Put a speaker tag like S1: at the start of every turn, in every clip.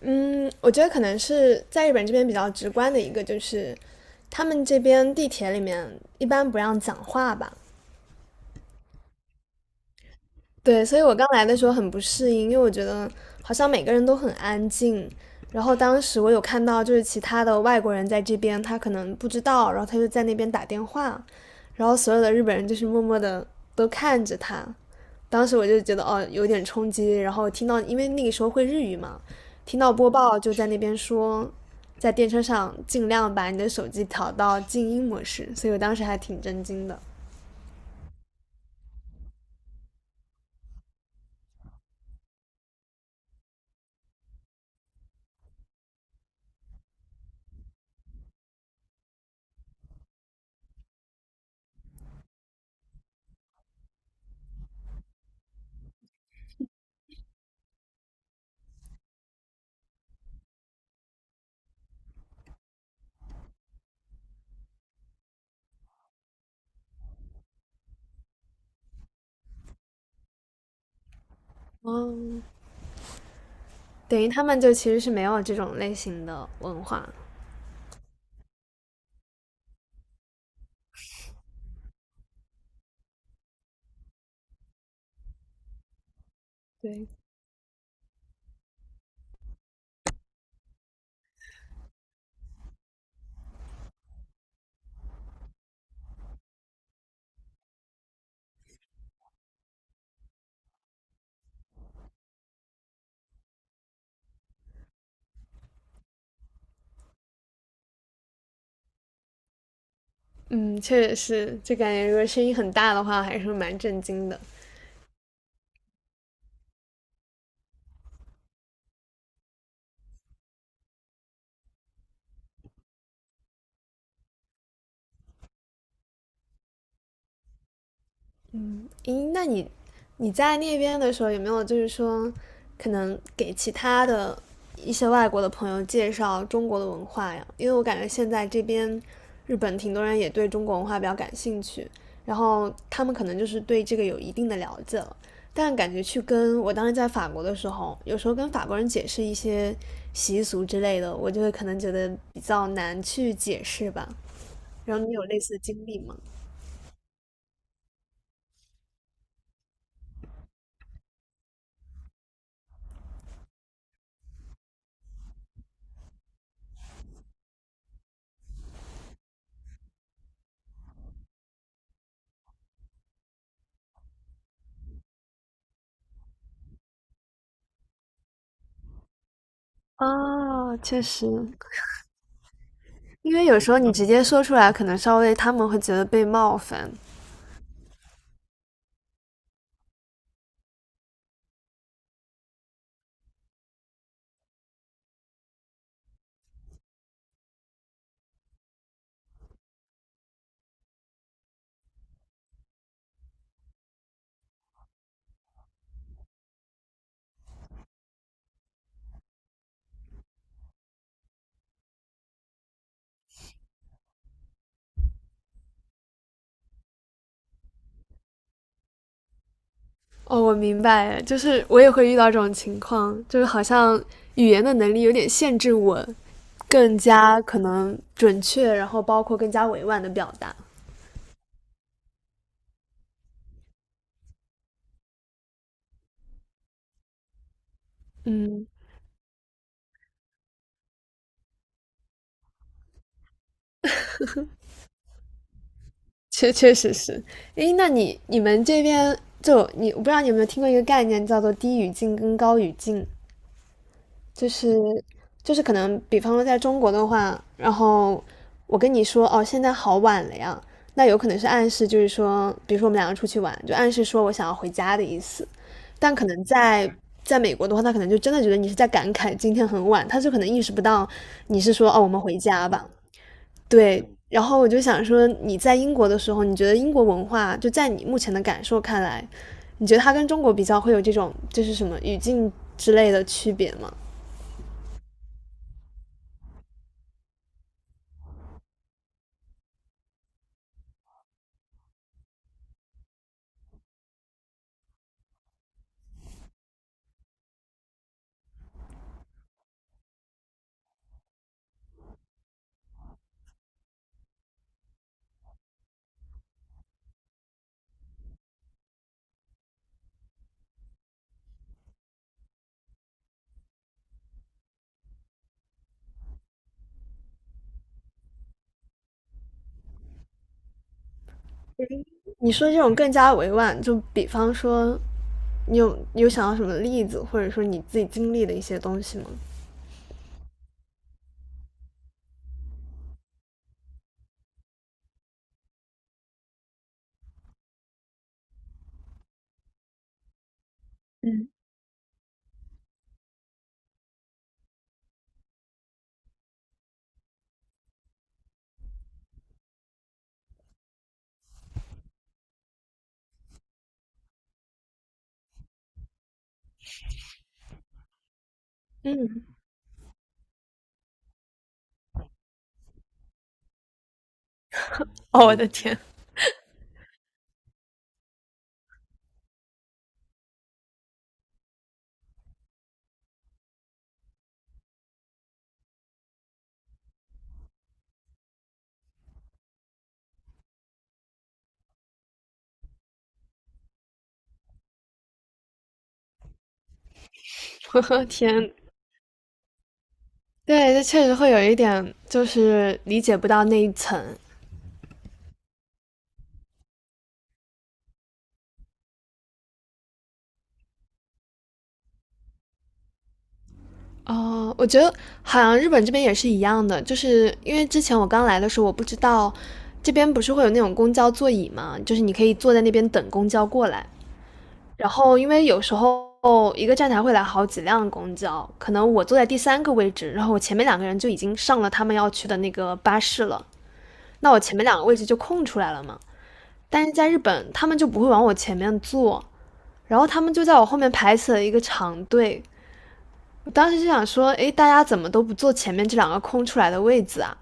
S1: 嗯，我觉得可能是在日本这边比较直观的一个，就是他们这边地铁里面一般不让讲话吧。对，所以我刚来的时候很不适应，因为我觉得好像每个人都很安静。然后当时我有看到，就是其他的外国人在这边，他可能不知道，然后他就在那边打电话，然后所有的日本人就是默默的都看着他，当时我就觉得哦有点冲击，然后听到因为那个时候会日语嘛，听到播报就在那边说，在电车上尽量把你的手机调到静音模式，所以我当时还挺震惊的。哦，等于他们就其实是没有这种类型的文化。对，嗯，确实是，就感觉如果声音很大的话，还是蛮震惊的。咦，那你在那边的时候有没有就是说，可能给其他的一些外国的朋友介绍中国的文化呀？因为我感觉现在这边日本挺多人也对中国文化比较感兴趣，然后他们可能就是对这个有一定的了解了，但感觉去跟我当时在法国的时候，有时候跟法国人解释一些习俗之类的，我就会可能觉得比较难去解释吧。然后你有类似的经历吗？啊，确实，因为有时候你直接说出来，可能稍微他们会觉得被冒犯。哦，我明白，就是我也会遇到这种情况，就是好像语言的能力有点限制我，更加可能准确，然后包括更加委婉的表达。嗯，确实是。诶，那你你们这边就你，我不知道你有没有听过一个概念叫做低语境跟高语境，就是就是可能，比方说在中国的话，然后我跟你说哦，现在好晚了呀，那有可能是暗示，就是说，比如说我们两个出去玩，就暗示说我想要回家的意思。但可能在美国的话，他可能就真的觉得你是在感慨今天很晚，他就可能意识不到你是说哦，我们回家吧。对，然后我就想说，你在英国的时候，你觉得英国文化就在你目前的感受看来，你觉得它跟中国比较会有这种就是什么语境之类的区别吗？你说这种更加委婉，就比方说，你有想到什么例子，或者说你自己经历的一些东西吗？我天，对，这确实会有一点，就是理解不到那一层。哦，我觉得好像日本这边也是一样的，就是因为之前我刚来的时候，我不知道这边不是会有那种公交座椅嘛，就是你可以坐在那边等公交过来。然后因为有时候一个站台会来好几辆公交，可能我坐在第三个位置，然后我前面两个人就已经上了他们要去的那个巴士了，那我前面两个位置就空出来了嘛。但是在日本，他们就不会往我前面坐，然后他们就在我后面排起了一个长队。我当时就想说，诶，大家怎么都不坐前面这两个空出来的位子啊？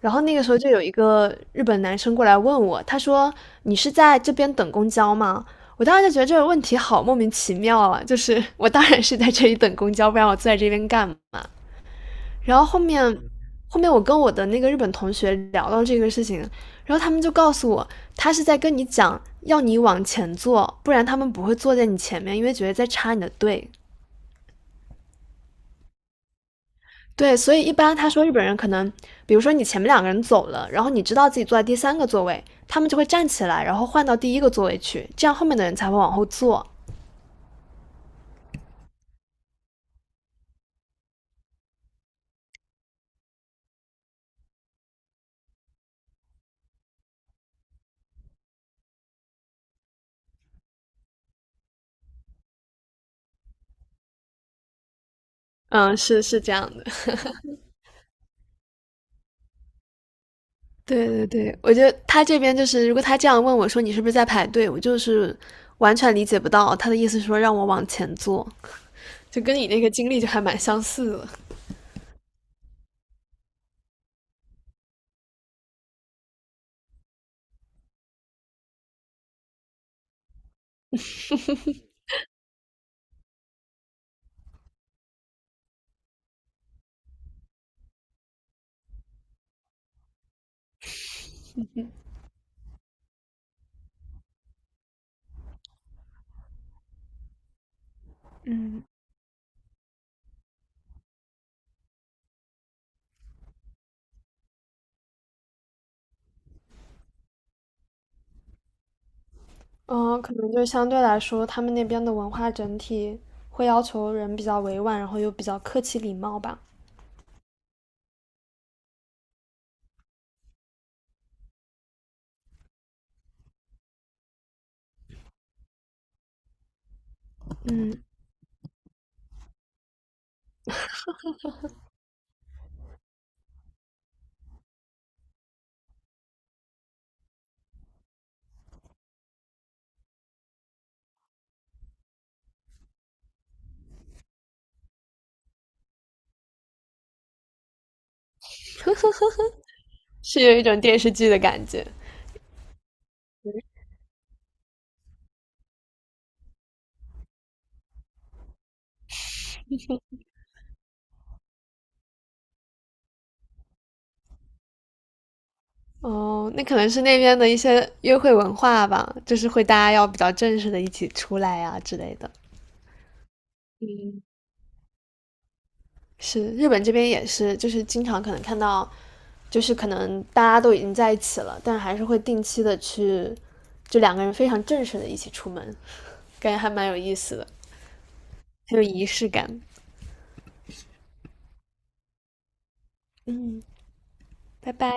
S1: 然后那个时候就有一个日本男生过来问我，他说："你是在这边等公交吗？"我当时就觉得这个问题好莫名其妙啊，就是我当然是在这里等公交，不然我坐在这边干嘛？然后后面，后面我跟我的那个日本同学聊到这个事情，然后他们就告诉我，他是在跟你讲要你往前坐，不然他们不会坐在你前面，因为觉得在插你的队。对，所以一般他说日本人可能，比如说你前面两个人走了，然后你知道自己坐在第三个座位，他们就会站起来，然后换到第一个座位去，这样后面的人才会往后坐。嗯，是是这样的。对对对，我觉得他这边就是，如果他这样问我说你是不是在排队，我就是完全理解不到他的意思，说让我往前坐，就跟你那个经历就还蛮相似的。嗯，可能就是相对来说，他们那边的文化整体会要求人比较委婉，然后又比较客气礼貌吧。嗯，是有一种电视剧的感觉。哦，那可能是那边的一些约会文化吧，就是会大家要比较正式的一起出来啊之类的。嗯，是日本这边也是，就是经常可能看到，就是可能大家都已经在一起了，但还是会定期的去，就两个人非常正式的一起出门，感觉还蛮有意思的，很有仪式感。嗯，拜拜。